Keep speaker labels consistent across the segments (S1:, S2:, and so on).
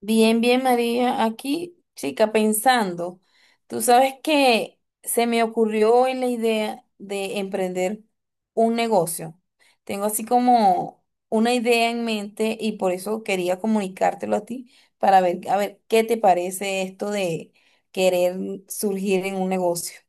S1: Bien, bien, María. Aquí, chica, pensando, tú sabes que se me ocurrió hoy la idea de emprender un negocio. Tengo así como una idea en mente y por eso quería comunicártelo a ti para ver, a ver, qué te parece esto de querer surgir en un negocio.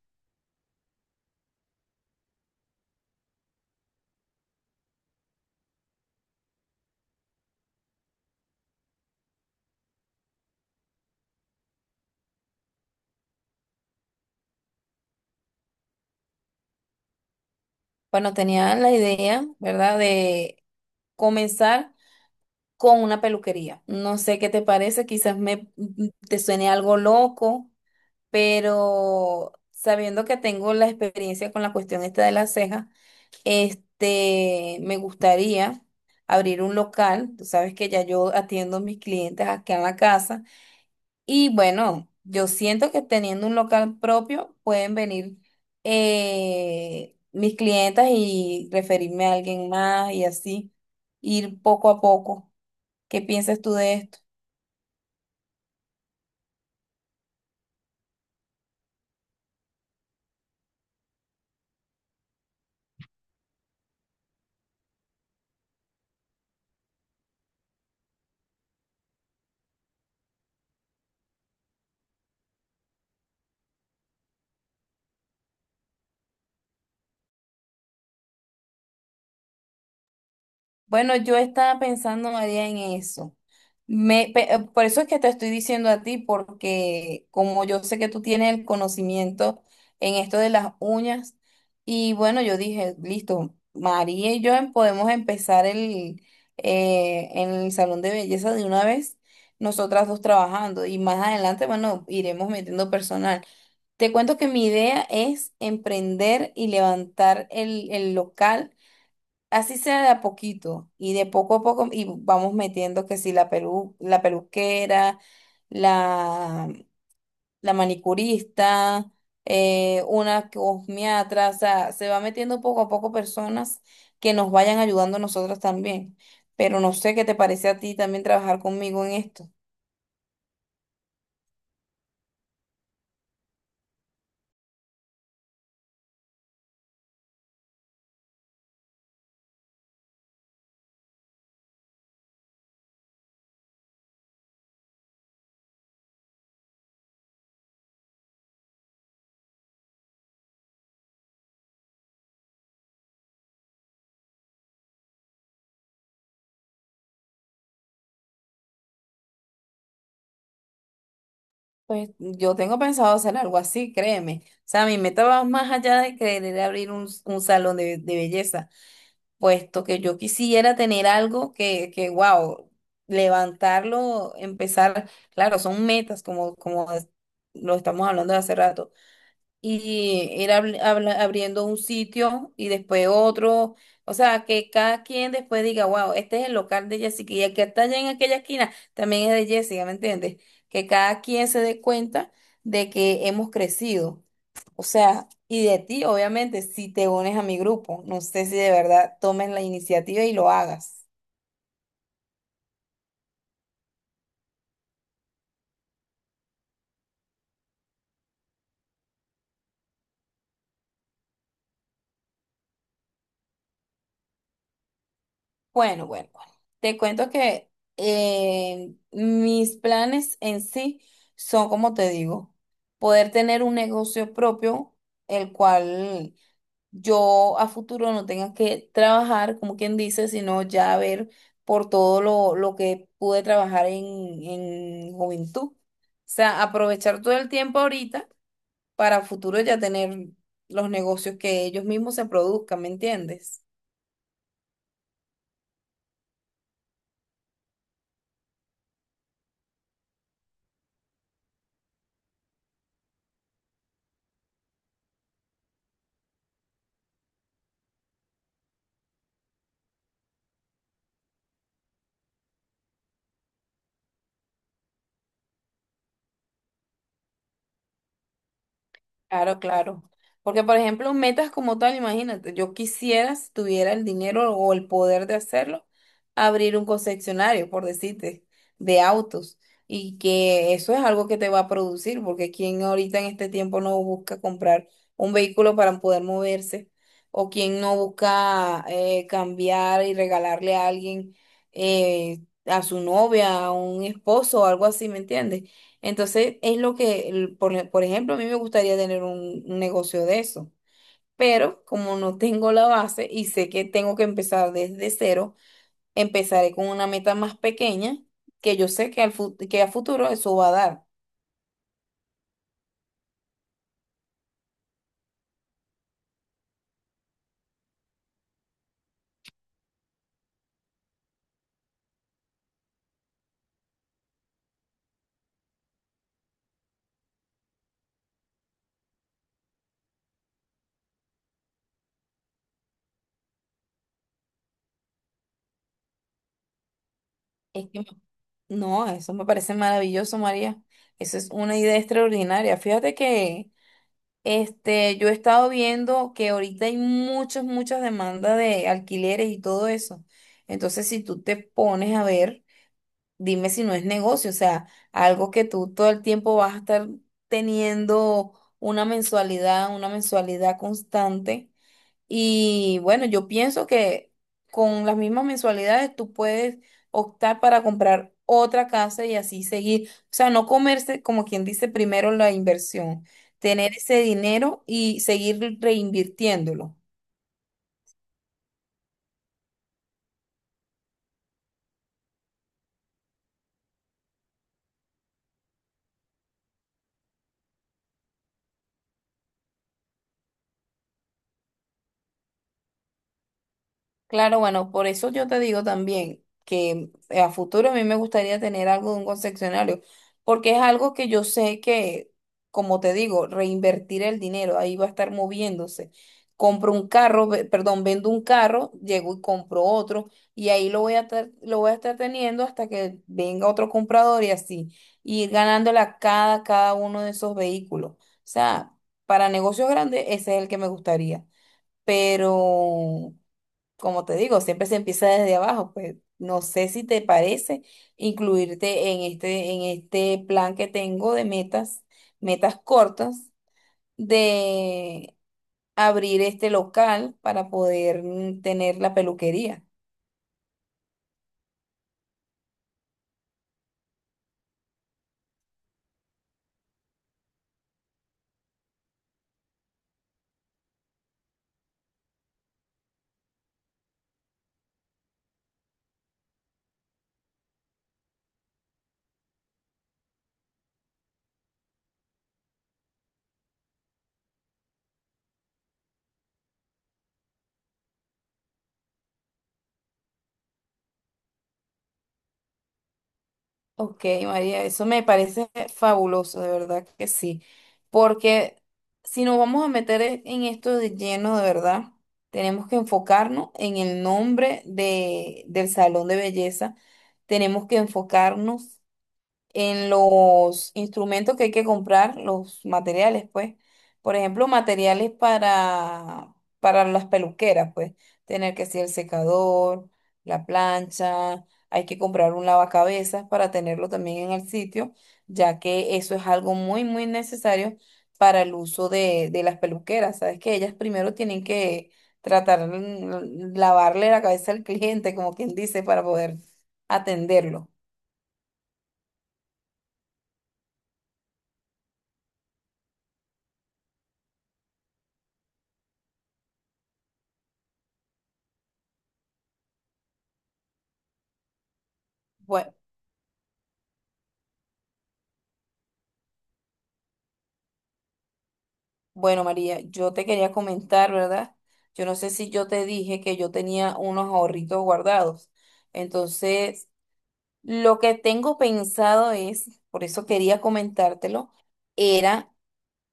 S1: Bueno, tenía la idea, ¿verdad? De comenzar con una peluquería. No sé qué te parece, quizás me te suene algo loco, pero sabiendo que tengo la experiencia con la cuestión esta de las cejas, este, me gustaría abrir un local. Tú sabes que ya yo atiendo a mis clientes aquí en la casa y bueno, yo siento que teniendo un local propio pueden venir mis clientas y referirme a alguien más y así ir poco a poco. ¿Qué piensas tú de esto? Bueno, yo estaba pensando, María, en eso. Me, pe- por eso es que te estoy diciendo a ti, porque como yo sé que tú tienes el conocimiento en esto de las uñas, y bueno, yo dije, listo, María y yo em- podemos empezar el, en el salón de belleza de una vez, nosotras dos trabajando, y más adelante, bueno, iremos metiendo personal. Te cuento que mi idea es emprender y levantar el local. Así sea de a poquito y de poco a poco y vamos metiendo que si la pelu, la peluquera, la, la manicurista, una cosmiatra, o sea, se va metiendo poco a poco personas que nos vayan ayudando a nosotros también. Pero no sé qué te parece a ti también trabajar conmigo en esto. Pues yo tengo pensado hacer algo así, créeme. O sea, mi meta va más allá de querer abrir un salón de belleza, puesto que yo quisiera tener algo que wow, levantarlo, empezar, claro, son metas como, como es- lo estamos hablando de hace rato, y ir abri- habla- abriendo un sitio y después otro, o sea, que cada quien después diga, wow, este es el local de Jessica y el que está allá en aquella esquina también es de Jessica, ¿me entiendes? Que cada quien se dé cuenta de que hemos crecido. O sea, y de ti, obviamente, si te unes a mi grupo, no sé si de verdad tomes la iniciativa y lo hagas. Bueno, bueno, bueno. Te cuento que mis planes en sí son, como te digo, poder tener un negocio propio, el cual yo a futuro no tenga que trabajar, como quien dice, sino ya ver por todo lo que pude trabajar en juventud. O sea, aprovechar todo el tiempo ahorita para futuro ya tener los negocios que ellos mismos se produzcan, ¿me entiendes? Claro, claro. Porque, por ejemplo, metas como tal, imagínate, yo quisiera, si tuviera el dinero o el poder de hacerlo, abrir un concesionario, por decirte, de autos. Y que eso es algo que te va a producir, porque quien ahorita en este tiempo no busca comprar un vehículo para poder moverse, o quien no busca cambiar y regalarle a alguien, eh, a su novia, a un esposo o algo así, ¿me entiendes? Entonces, es lo que, el- por ejemplo, a mí me gustaría tener un negocio de eso, pero como no tengo la base y sé que tengo que empezar desde cero, empezaré con una meta más pequeña que yo sé que, al, fu- que a futuro eso va a dar. Es que, no, eso me parece maravilloso, María. Eso es una idea extraordinaria. Fíjate que este, yo he estado viendo que ahorita hay muchas, muchas demandas de alquileres y todo eso. Entonces, si tú te pones a ver, dime si no es negocio, o sea, algo que tú todo el tiempo vas a estar teniendo una mensualidad constante. Y bueno, yo pienso que con las mismas mensualidades tú puedes optar para comprar otra casa y así seguir, o sea, no comerse, como quien dice, primero la inversión, tener ese dinero y seguir reinvirtiéndolo. Claro, bueno, por eso yo te digo también que a futuro a mí me gustaría tener algo de un concesionario, porque es algo que yo sé que, como te digo, reinvertir el dinero, ahí va a estar moviéndose. Compro un carro, ve- perdón, vendo un carro, llego y compro otro, y ahí lo voy a estar, lo voy a estar teniendo hasta que venga otro comprador y así, y ir ganándole a cada, cada uno de esos vehículos. O sea, para negocios grandes, ese es el que me gustaría, pero como te digo, siempre se empieza desde abajo, pues no sé si te parece incluirte en este plan que tengo de metas, metas cortas, de abrir este local para poder tener la peluquería. Ok, María, eso me parece fabuloso, de verdad que sí. Porque si nos vamos a meter e- en esto de lleno, de verdad, tenemos que enfocarnos en el nombre de, del salón de belleza. Tenemos que enfocarnos en los instrumentos que hay que comprar, los materiales, pues. Por ejemplo, materiales para las peluqueras, pues. Tener que ser el secador, la plancha, hay que comprar un lavacabezas para tenerlo también en el sitio, ya que eso es algo muy, muy necesario para el uso de las peluqueras. Sabes que ellas primero tienen que tratar, lavarle la cabeza al cliente, como quien dice, para poder atenderlo. Bueno, María, yo te quería comentar, ¿verdad? Yo no sé si yo te dije que yo tenía unos ahorritos guardados. Entonces, lo que tengo pensado es, por eso quería comentártelo, era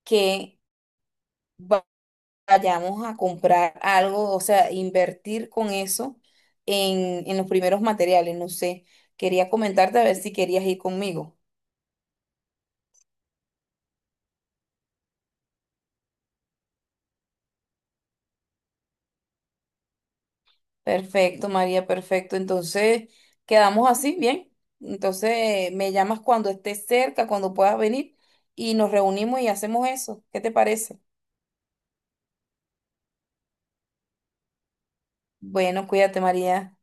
S1: que va- vayamos a comprar algo, o sea, invertir con eso en los primeros materiales. No sé, quería comentarte a ver si querías ir conmigo. Perfecto, María, perfecto. Entonces, quedamos así, bien. Entonces, me llamas cuando estés cerca, cuando puedas venir, y nos reunimos y hacemos eso. ¿Qué te parece? Bueno, cuídate, María.